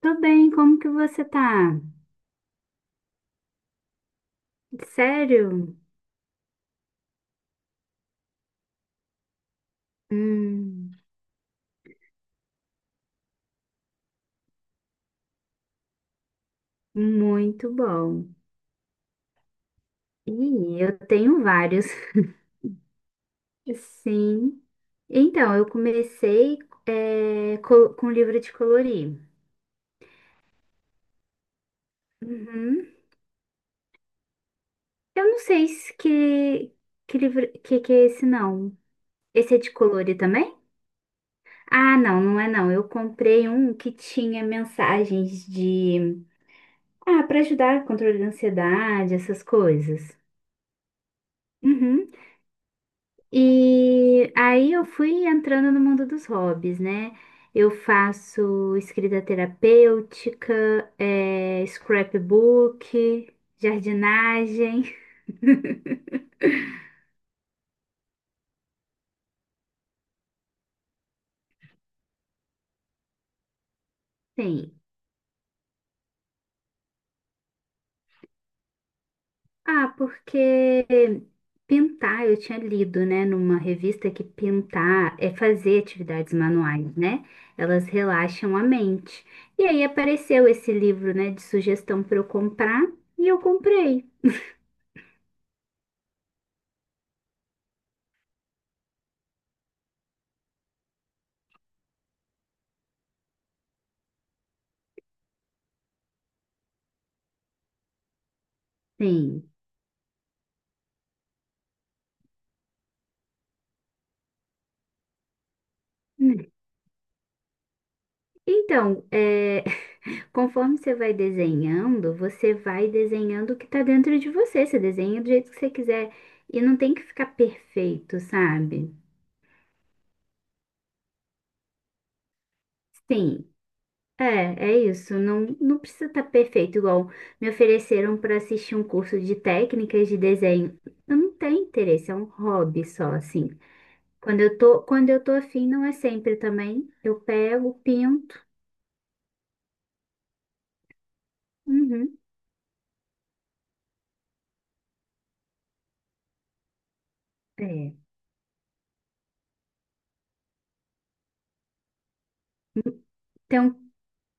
Tô bem, como que você tá? Sério? Hum, muito bom. E eu tenho vários. Sim. Então, eu comecei com livro de colorir. Uhum. Eu não sei se que, que livro que é esse, não. Esse é de colorir também? Ah, não, não é não. Eu comprei um que tinha mensagens de... Ah, para ajudar a controle da ansiedade, essas coisas. Uhum. E aí eu fui entrando no mundo dos hobbies, né? Eu faço escrita terapêutica, scrapbook, jardinagem. Sim. Ah, porque pintar, eu tinha lido, né, numa revista que pintar é fazer atividades manuais, né? Elas relaxam a mente. E aí apareceu esse livro, né, de sugestão para eu comprar, e eu comprei. Sim. Então, é, conforme você vai desenhando o que tá dentro de você. Você desenha do jeito que você quiser. E não tem que ficar perfeito, sabe? Sim, é, é isso. Não, não precisa estar perfeito, igual me ofereceram para assistir um curso de técnicas de desenho. Eu não tenho interesse, é um hobby só, assim. Quando eu tô afim, não é sempre também. Eu pego, pinto. Uhum. É. Tem um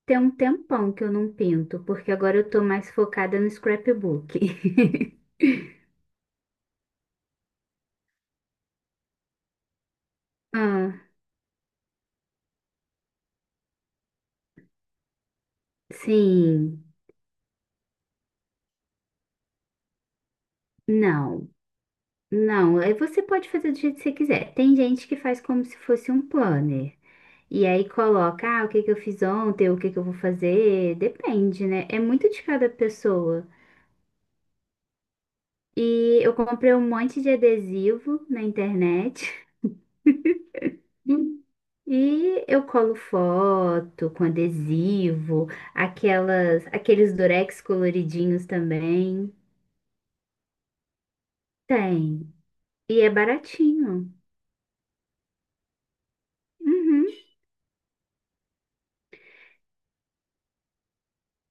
Tem um tempão que eu não pinto, porque agora eu tô mais focada no scrapbook. Ah, sim. Não, não. Aí você pode fazer do jeito que você quiser. Tem gente que faz como se fosse um planner. E aí coloca, ah, o que que eu fiz ontem, o que que eu vou fazer. Depende, né? É muito de cada pessoa. E eu comprei um monte de adesivo na internet. E eu colo foto com adesivo, aqueles durex coloridinhos também. Tem. E é baratinho. Uhum.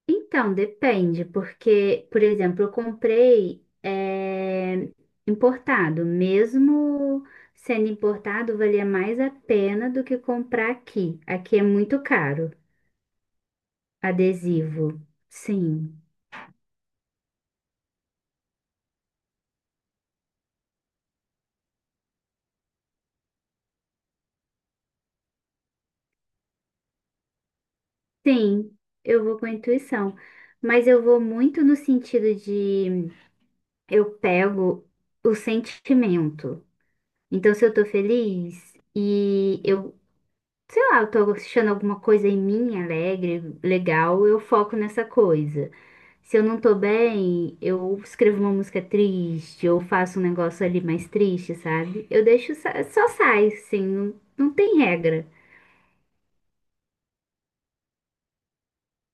Então, depende, porque, por exemplo, eu comprei importado. Mesmo sendo importado, valia mais a pena do que comprar aqui. Aqui é muito caro, adesivo. Sim. Sim, eu vou com a intuição, mas eu vou muito no sentido de eu pego o sentimento. Então, se eu tô feliz e eu, sei lá, eu tô achando alguma coisa em mim alegre, legal, eu foco nessa coisa. Se eu não tô bem, eu escrevo uma música triste ou faço um negócio ali mais triste, sabe? Eu deixo, só sai, assim, não, não tem regra.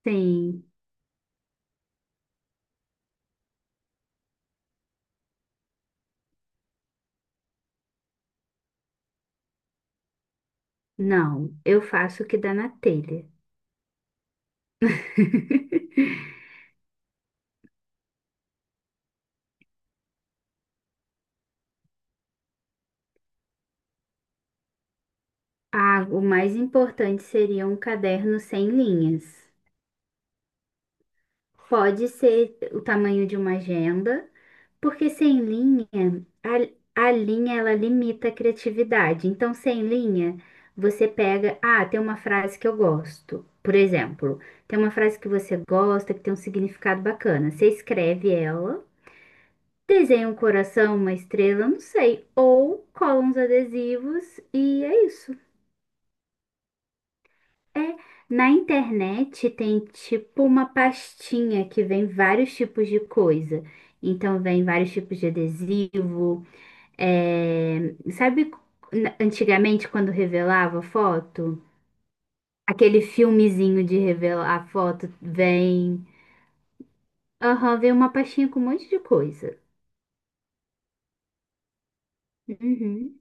Sim, não, eu faço o que dá na telha. Ah, o mais importante seria um caderno sem linhas. Pode ser o tamanho de uma agenda, porque sem linha, a linha ela limita a criatividade. Então, sem linha, você pega, ah, tem uma frase que eu gosto. Por exemplo, tem uma frase que você gosta, que tem um significado bacana. Você escreve ela, desenha um coração, uma estrela, não sei, ou cola uns adesivos e é isso. É, na internet tem tipo uma pastinha que vem vários tipos de coisa. Então vem vários tipos de adesivo. Sabe antigamente quando revelava foto? Aquele filmezinho de revelar a foto vem. Aham, vem uma pastinha com um monte de coisa. Uhum.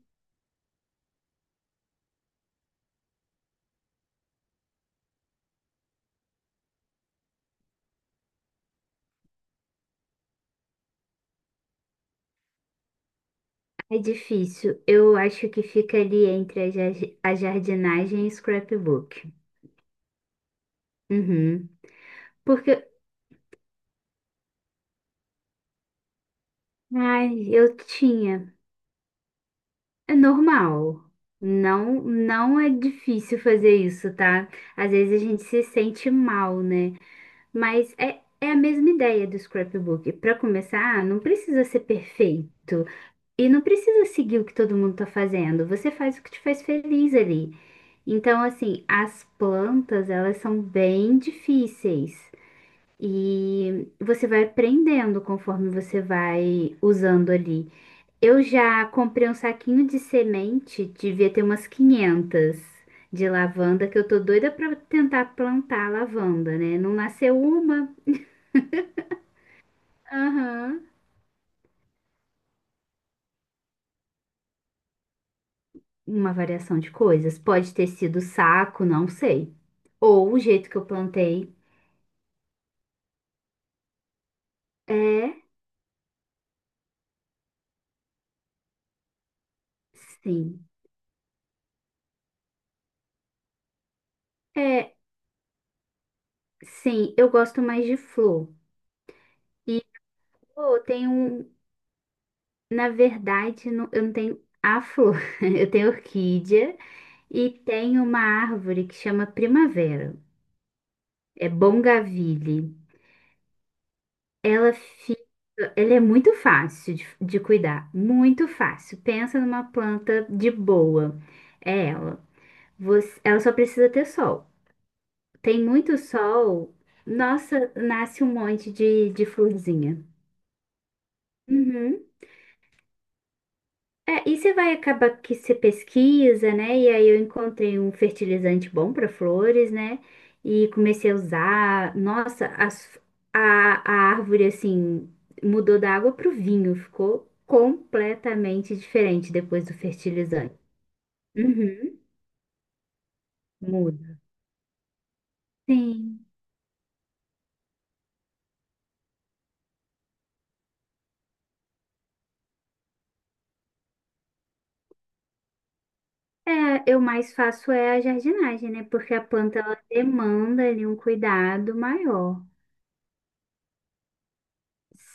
É difícil. Eu acho que fica ali entre a jardinagem e scrapbook. Uhum. Porque, ai, eu tinha. É normal. Não, não é difícil fazer isso, tá? Às vezes a gente se sente mal, né? Mas é, é a mesma ideia do scrapbook. Para começar, não precisa ser perfeito e não precisa seguir o que todo mundo tá fazendo. Você faz o que te faz feliz ali. Então, assim, as plantas, elas são bem difíceis. E você vai aprendendo conforme você vai usando ali. Eu já comprei um saquinho de semente, devia ter umas 500 de lavanda, que eu tô doida pra tentar plantar lavanda, né? Não nasceu uma. Aham. Uma variação de coisas. Pode ter sido saco, não sei. Ou o jeito que eu plantei. É, sim. É, sim, eu gosto mais de flor. E pô, tem um, na verdade, eu não tenho a flor. Eu tenho orquídea e tem uma árvore que chama primavera. É Bongaville. Ela fica, ele é muito fácil de cuidar, muito fácil. Pensa numa planta de boa. É ela. Ela só precisa ter sol. Tem muito sol, nossa, nasce um monte de florzinha. Uhum. É, e você vai acabar que você pesquisa, né? E aí eu encontrei um fertilizante bom para flores, né? E comecei a usar. Nossa, a, a árvore, assim, mudou da água para o vinho. Ficou completamente diferente depois do fertilizante. Uhum, muda. Sim. É, eu mais faço é a jardinagem, né? Porque a planta, ela demanda ali um cuidado maior.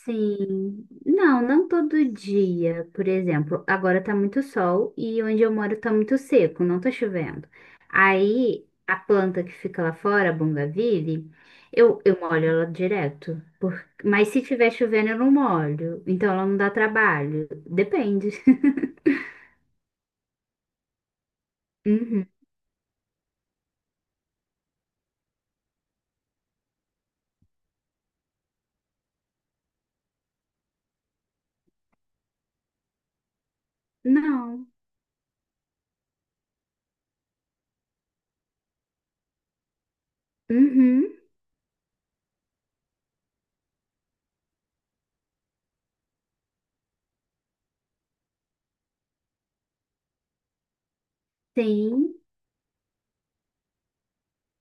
Sim, não, não todo dia, por exemplo. Agora tá muito sol e onde eu moro tá muito seco, não tá chovendo. Aí a planta que fica lá fora, a bougainville, eu molho ela direto. Mas se tiver chovendo, eu não molho, então ela não dá trabalho. Depende. Uhum. Não. Uhum. Sim.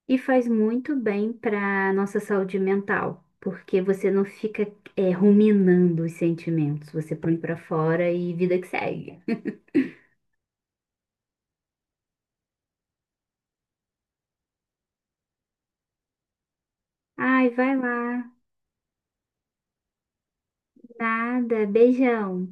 E faz muito bem para nossa saúde mental, porque você não fica ruminando os sentimentos, você põe para fora e vida que segue. Ai, vai lá. Nada, beijão.